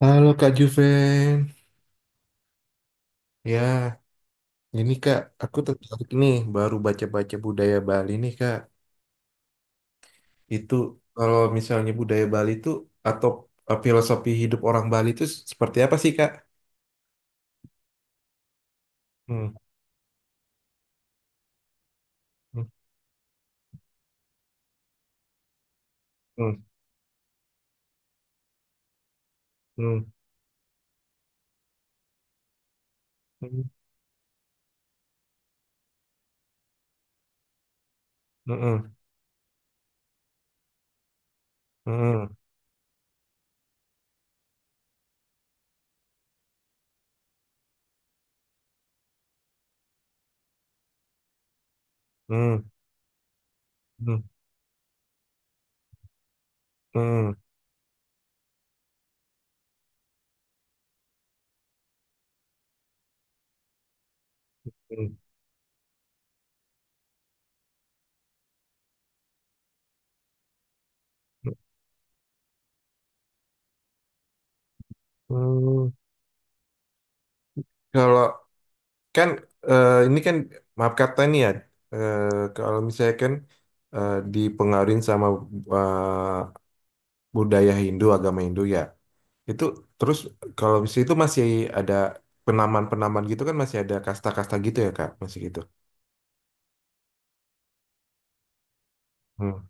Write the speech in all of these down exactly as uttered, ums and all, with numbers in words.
Halo Kak Juven. Ya, ini Kak, aku tertarik nih baru baca-baca budaya Bali nih Kak. Itu kalau misalnya budaya Bali itu atau eh, filosofi hidup orang Bali itu seperti apa sih Kak? Hmm, hmm, hmm, hmm, hmm, hmm, hmm, hmm, hmm, hmm, hmm, hmm. Kalau kan eh, ini kan maaf kata nih ya, eh, kalau misalnya kan eh, dipengaruhi sama budaya Hindu, agama Hindu ya. Itu terus kalau di situ masih ada penaman-penaman gitu kan masih ada kasta-kasta gitu ya Kak, masih gitu. Hmm,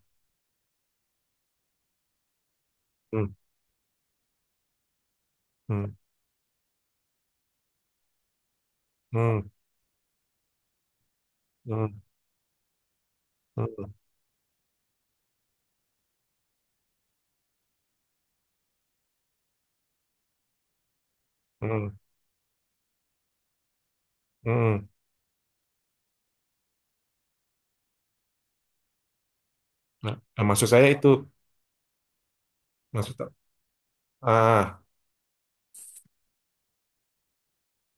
hmm, hmm, hmm, hmm, hmm, hmm, hmm. Nah, nah, maksud saya itu maksud ah,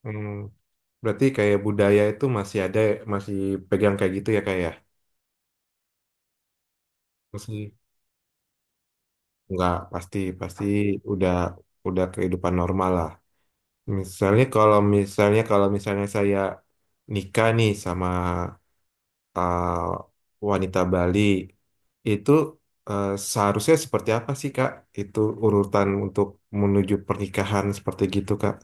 hmm, berarti kayak budaya itu masih ada masih pegang kayak gitu ya kayak ya. Masih nggak pasti pasti udah udah kehidupan normal lah. Misalnya kalau misalnya kalau misalnya saya nikah nih sama eh, wanita Bali itu eh, seharusnya seperti apa sih Kak? Itu urutan untuk menuju pernikahan seperti gitu Kak.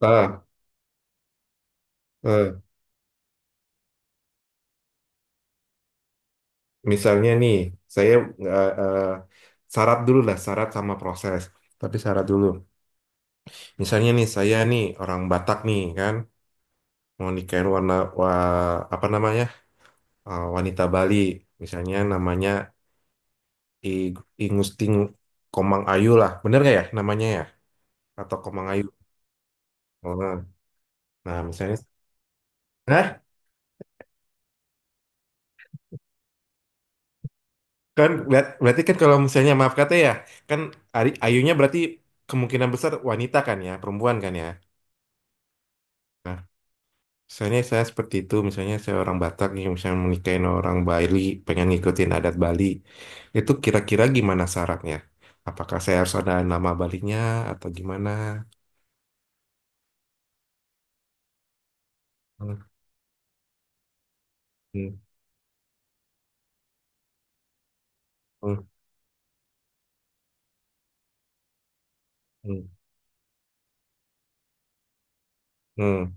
Ah, eh, misalnya nih, saya eh, eh, syarat dulu lah, syarat sama proses. Tapi syarat dulu. Misalnya nih, saya nih orang Batak nih kan, mau nikahin warna wa- apa namanya eh, wanita Bali, misalnya namanya I- Ingusting Komang Ayu lah, bener gak ya namanya ya? Atau Komang Ayu? Oh, nah, misalnya, nah kan berat- berarti kan kalau misalnya maaf kata ya, kan Ari- Ayunya berarti kemungkinan besar wanita kan ya, perempuan kan ya. Nah, misalnya saya seperti itu, misalnya saya orang Batak nih, misalnya menikahin orang Bali, pengen ngikutin adat Bali, itu kira-kira gimana syaratnya? Apakah saya harus ada nama Balinya atau gimana? Hmm, hmm, hmm, hmm,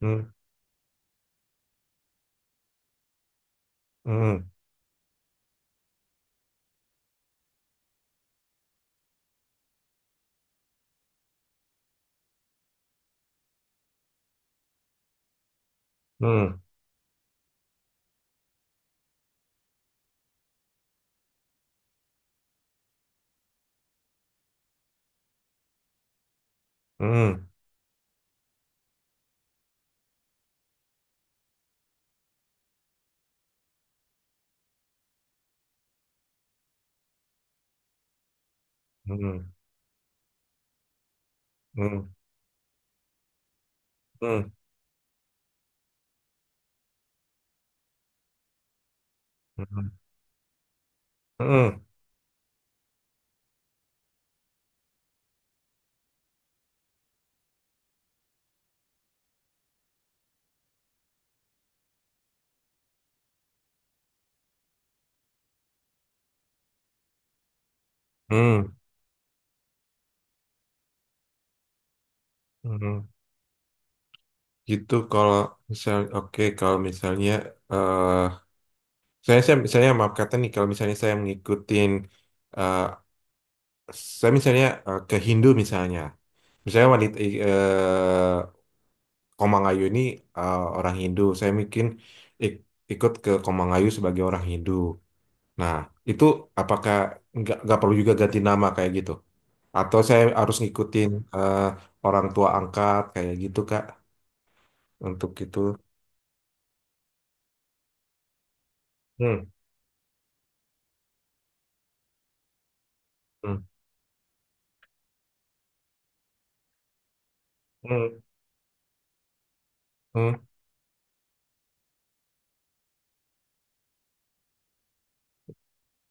hmm, hmm, hmm, hmm, hmm, hmm, hmm, hmm, hmm, hmm, hmm, hmm, hmm, hmm. Gitu kalau misal oke kalau misalnya eh saya saya misalnya maaf kata nih kalau misalnya saya mengikutin eh saya misalnya eh, ke Hindu misalnya misalnya wanita eh Komangayu ini eh, orang Hindu saya mungkin ik- ikut ke Komangayu sebagai orang Hindu nah itu apakah nggak nggak perlu juga ganti nama kayak gitu atau saya harus ngikutin eh, orang tua angkat kayak gitu Kak untuk itu hmm. Hmm. Hmm. Hmm.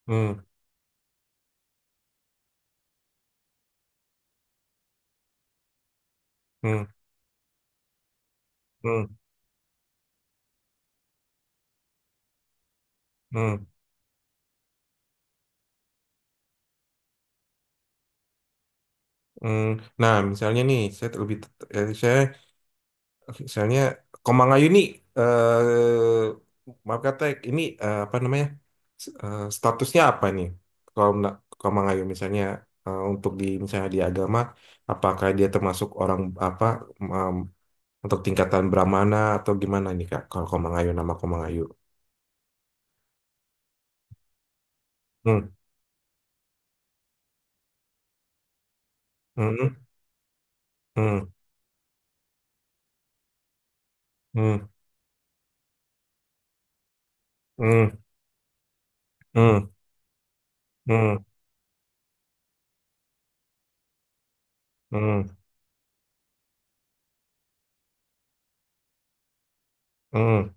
Hmm, hmm, hmm, hmm, hmm. Nah, misalnya nih, saya lebih, eh, saya, misalnya Komang nih, eh, maaf kata, ini eh, apa namanya, s- eh, statusnya apa nih? Kalau na- Komang misalnya eh, untuk di misalnya di agama, apakah dia termasuk orang apa em, untuk tingkatan Brahmana atau gimana nih Kak? Kalau Komang nama Komang Ayu. Hmm, hmm, hmm, hmm, hmm, hmm, hmm, hmm, hmm,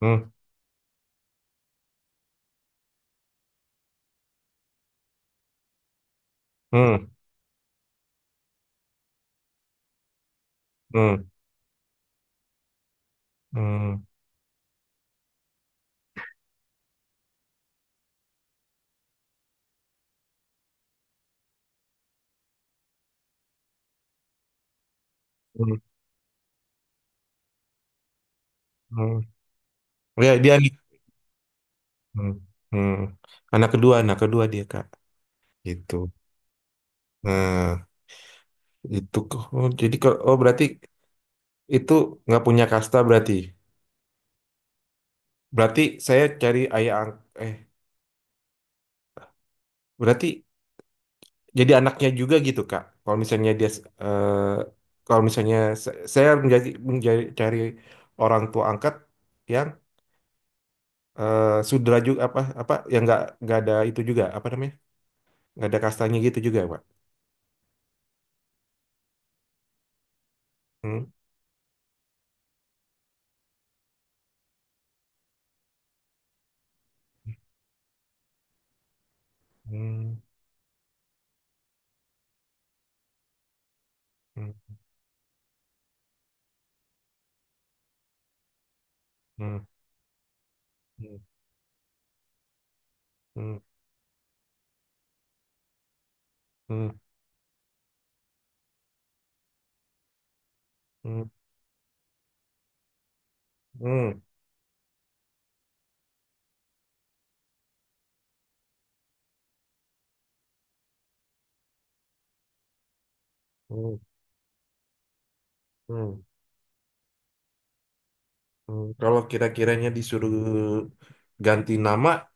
hmm. Hmm. Hmm, hmm, hmm, hmm. Ya, dia nih. Hmm, hmm. Anak kedua, anak kedua dia, Kak. Gitu. Nah, itu, kok. Oh, jadi kalau oh berarti itu nggak punya kasta berarti. Berarti saya cari ayah ang- eh berarti jadi anaknya juga gitu, Kak. Kalau misalnya dia eh, kalau misalnya sa- saya menjadi menjadi cari orang tua angkat yang eh sudra juga apa apa yang nggak nggak ada itu juga apa namanya nggak ada kastanya gitu juga, Pak. Hmm. Hmm. Hmm, hmm, hmm, hmm, hmm, hmm, hmm, hmm, hmm, hmm. Kalau kira-kiranya disuruh ganti nama,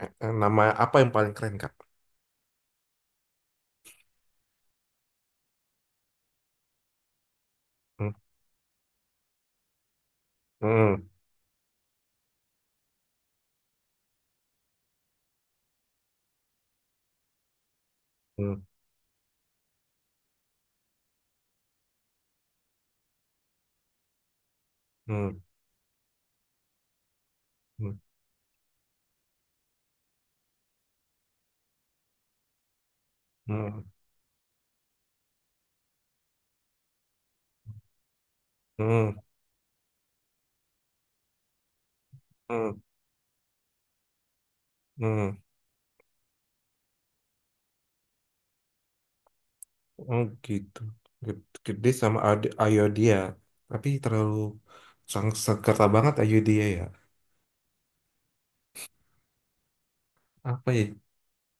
eh, eh, nama apa yang paling keren, Kak? Hmm, hmm, hmm, hmm, hmm, hmm, hmm, hmm, hmm. Oh, gitu. Ged- Gede sama Ade- Ayo dia, tapi terlalu sang sekerta banget Ayo dia ya. Apa ya?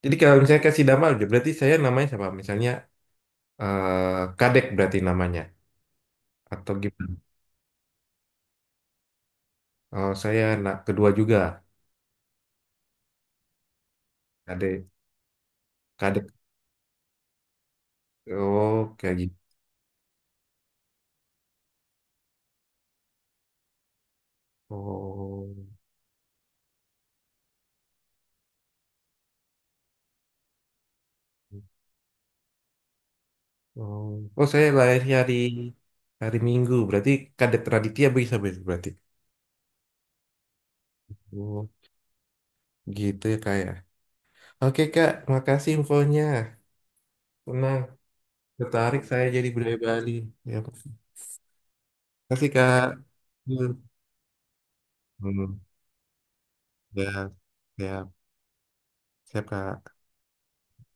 Jadi kalau misalnya kasih nama, berarti saya namanya siapa? Misalnya eh, Kadek berarti namanya atau gimana? Oh, saya anak kedua juga. Adik, kadek. Oh, kayak gitu. Oh, oh, oh, saya lahirnya hari hari Minggu. Berarti kadek Raditya bisa ber- berarti. Oh, gitu ya kayak. Oke Kak, makasih infonya. Tenang, tertarik saya jadi budaya Bali. Ya, makasih Kak. Hmm, ya, ya, siap Kak.